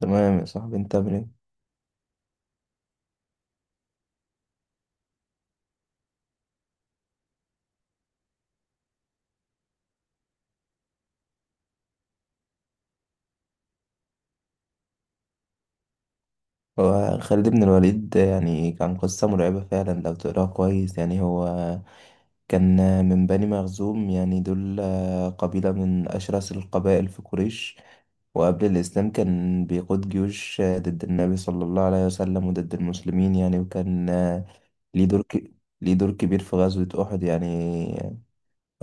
تمام يا صاحبي، انت عامل ايه؟ هو خالد بن الوليد يعني كان قصة مرعبة فعلا لو تقراها كويس. يعني هو كان من بني مخزوم، يعني دول قبيلة من أشرس القبائل في قريش. وقبل الإسلام كان بيقود جيوش ضد النبي صلى الله عليه وسلم وضد المسلمين يعني. وكان ليه دور ك... ليه دور كبير في غزوة أحد. يعني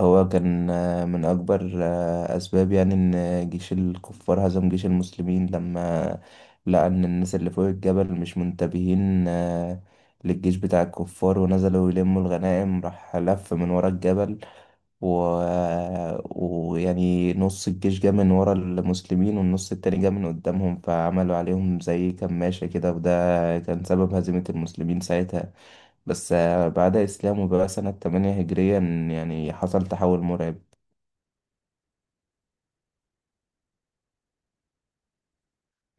هو كان من أكبر أسباب يعني إن جيش الكفار هزم جيش المسلمين، لما لقى إن الناس اللي فوق الجبل مش منتبهين للجيش بتاع الكفار، ونزلوا يلموا الغنائم. راح لف من ورا الجبل و... آه، ويعني نص الجيش جه من ورا المسلمين، والنص التاني جه من قدامهم، فعملوا عليهم زي كماشة كده. وده كان سبب هزيمة المسلمين ساعتها. بس بعد إسلامه بقى سنة 8 هجريا، يعني حصل تحول مرعب.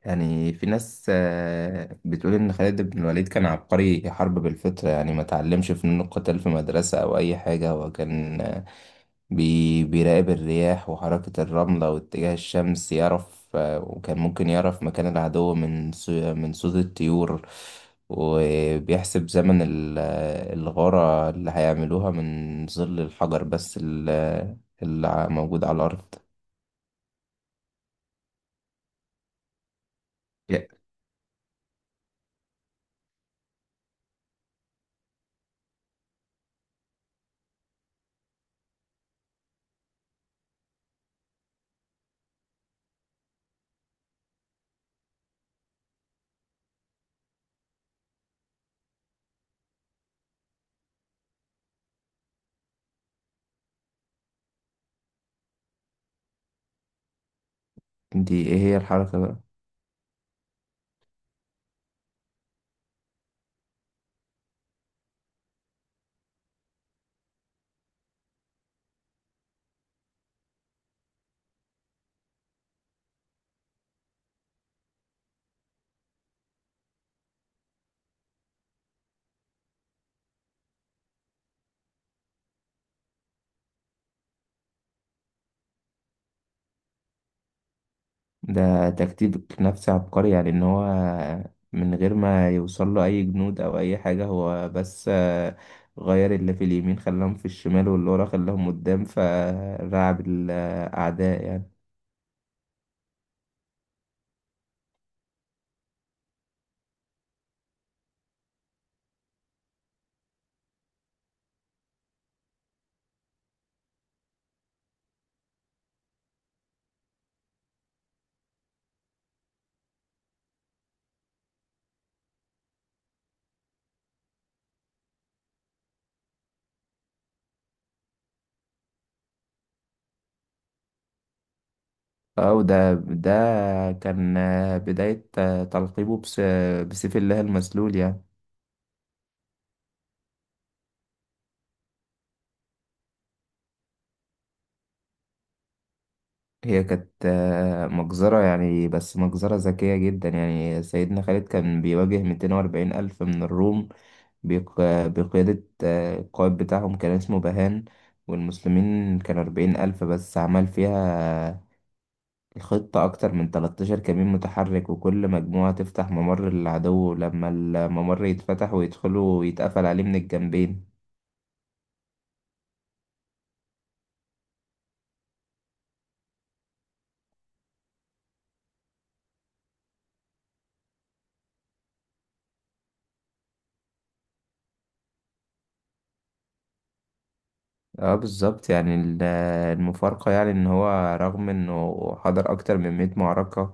يعني في ناس بتقول إن خالد بن الوليد كان عبقري حرب بالفطرة، يعني ما تعلمش فنون القتال في مدرسة أو أي حاجة. هو كان بيراقب الرياح وحركة الرملة واتجاه الشمس، يعرف وكان ممكن يعرف مكان العدو من من صوت الطيور، وبيحسب زمن الغارة اللي هيعملوها من ظل الحجر، بس اللي موجود على الأرض. يا- دي ايه هي الحركة بقى؟ ده تكتيك نفسي عبقري، يعني ان هو من غير ما يوصل له اي جنود او اي حاجة، هو بس غير اللي في اليمين خلاهم في الشمال، واللي ورا خلاهم قدام، فرعب الاعداء يعني. اه، وده كان بداية تلقيبه بسيف الله المسلول يعني. هي كانت مجزرة، يعني بس مجزرة ذكية جدا. يعني سيدنا خالد كان بيواجه 240 ألف من الروم، بيق- بقيادة القائد بتاعهم كان اسمه بهان. والمسلمين كانوا 40,000 بس. عمل فيها الخطة أكتر من 13 كمين متحرك، وكل مجموعة تفتح ممر للعدو، لما الممر يتفتح ويدخلوا يتقفل عليه من الجنبين. اه بالظبط. يعني المفارقة يعني ان هو رغم انه حضر اكتر من 100 معركة،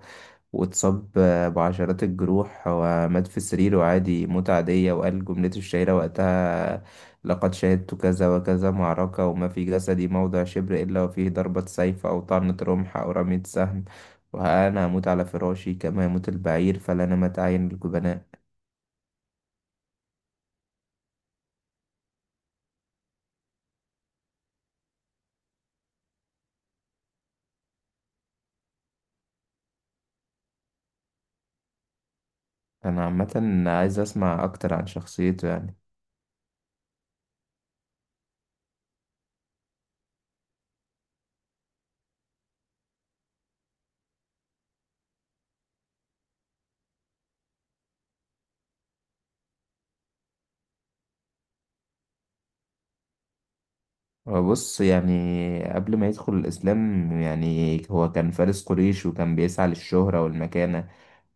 واتصاب بعشرات الجروح، ومات في سريره عادي موتة عادية، وقال جملته الشهيرة وقتها: لقد شهدت كذا وكذا معركة، وما في جسدي موضع شبر إلا وفيه ضربة سيف أو طعنة رمح أو رمية سهم، وأنا هموت على فراشي كما يموت البعير، فلا نمت أعين الجبناء. أنا عامة عايز أسمع أكتر عن شخصيته يعني. هو بص، يعني قبل ما يدخل الإسلام يعني هو كان فارس قريش، وكان بيسعى للشهرة والمكانة.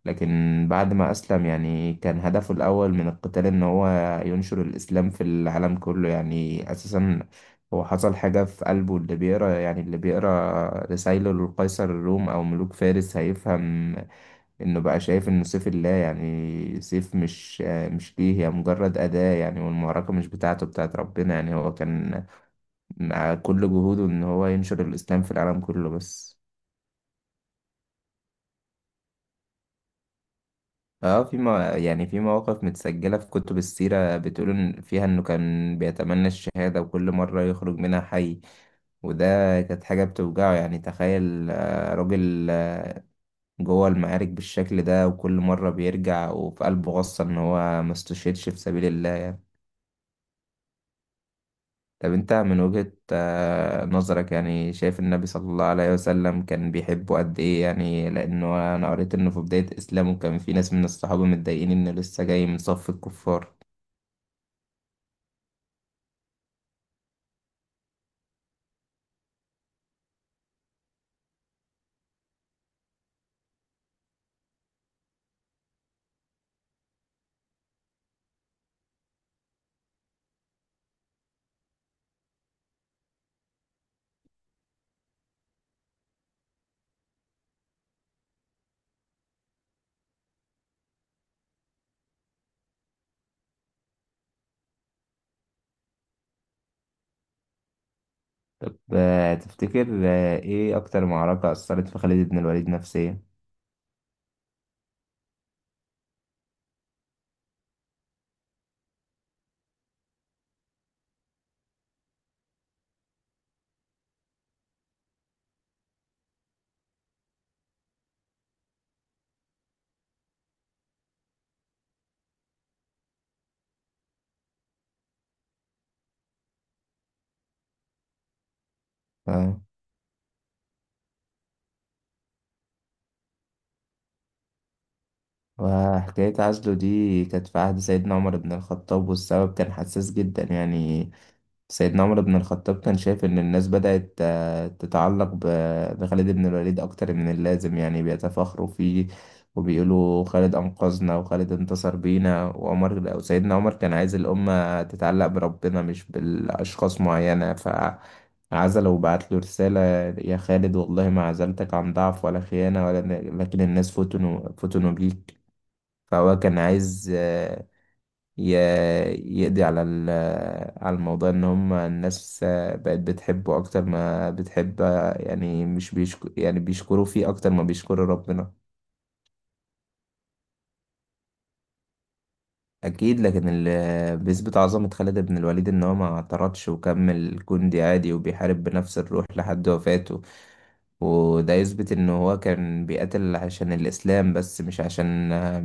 لكن بعد ما أسلم يعني كان هدفه الأول من القتال إن هو ينشر الإسلام في العالم كله. يعني أساسا هو حصل حاجة في قلبه. اللي بيقرا يعني اللي بيقرا رسايله للقيصر الروم أو ملوك فارس هيفهم إنه بقى شايف إنه سيف الله، يعني سيف، مش ليه، هي مجرد أداة يعني. والمعركة مش بتاعته، بتاعت ربنا يعني. هو كان مع كل جهوده إن هو ينشر الإسلام في العالم كله بس. اه، في، ما يعني في مواقف متسجلة في كتب السيرة، بتقول فيها انه كان بيتمنى الشهادة، وكل مرة يخرج منها حي. وده كانت حاجة بتوجعه. يعني تخيل راجل جوه المعارك بالشكل ده، وكل مرة بيرجع وفي قلبه غصة ان هو ما استشهدش في سبيل الله. طب انت من وجهة نظرك، يعني شايف النبي صلى الله عليه وسلم كان بيحبه قد ايه؟ يعني لانه انا قريت انه في بداية اسلامه كان في ناس من الصحابة متضايقين انه لسه جاي من صف الكفار. طب تفتكر ايه اكتر معركة اثرت في خالد بن الوليد نفسيا؟ فاهم. وحكاية عزله دي كانت في عهد سيدنا عمر بن الخطاب، والسبب كان حساس جدا. يعني سيدنا عمر بن الخطاب كان شايف إن الناس بدأت تتعلق بخالد بن الوليد أكتر من اللازم، يعني بيتفاخروا فيه وبيقولوا خالد أنقذنا وخالد انتصر بينا. وعمر، أو سيدنا عمر، كان عايز الأمة تتعلق بربنا مش بالأشخاص معينة. فعزله، وبعت له رسالة: يا خالد، والله ما عزلتك عن ضعف ولا خيانة ولا، لكن الناس فتنوا فتنوا بيك. فهو كان عايز يقضي على على الموضوع، ان هم الناس بقت بتحبه اكتر ما بتحب يعني، مش بيشك يعني، بيشكروا فيه اكتر ما بيشكروا ربنا. اكيد. لكن اللي بيثبت عظمة خالد بن الوليد ان هو ما اعترضش، وكمل جندي عادي، وبيحارب بنفس الروح لحد وفاته. وده يثبت ان هو كان بيقاتل عشان الاسلام بس، مش عشان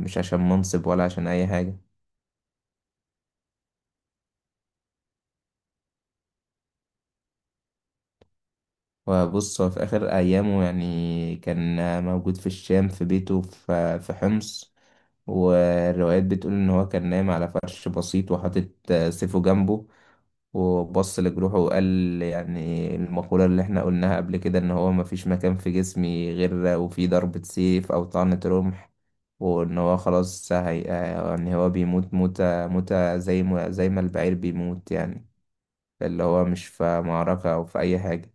مش عشان منصب ولا عشان اي حاجة. وبص، هو في آخر أيامه يعني كان موجود في الشام، في بيته، في حمص. والروايات بتقول إن هو كان نايم على فرش بسيط، وحاطط سيفه جنبه، وبص لجروحه وقال يعني المقولة اللي احنا قلناها قبل كده: إن هو مفيش مكان في جسمي غير وفيه ضربة سيف أو طعنة رمح، وإن هو خلاص. هي، يعني، هو بيموت موتة، زي ما البعير بيموت يعني، اللي هو مش في معركة أو في أي حاجة.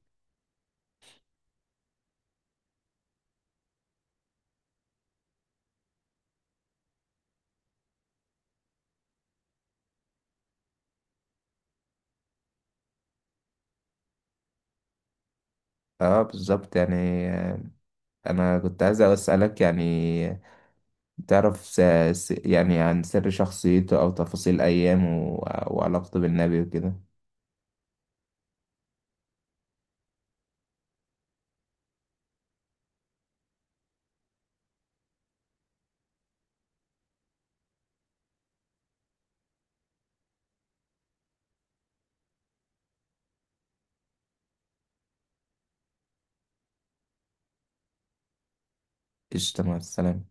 اه بالظبط يعني. آه، انا كنت عايز اسالك، يعني تعرف س... يعني عن سر شخصيته او تفاصيل ايامه وعلاقته بالنبي وكده. قشطة، مع السلامة.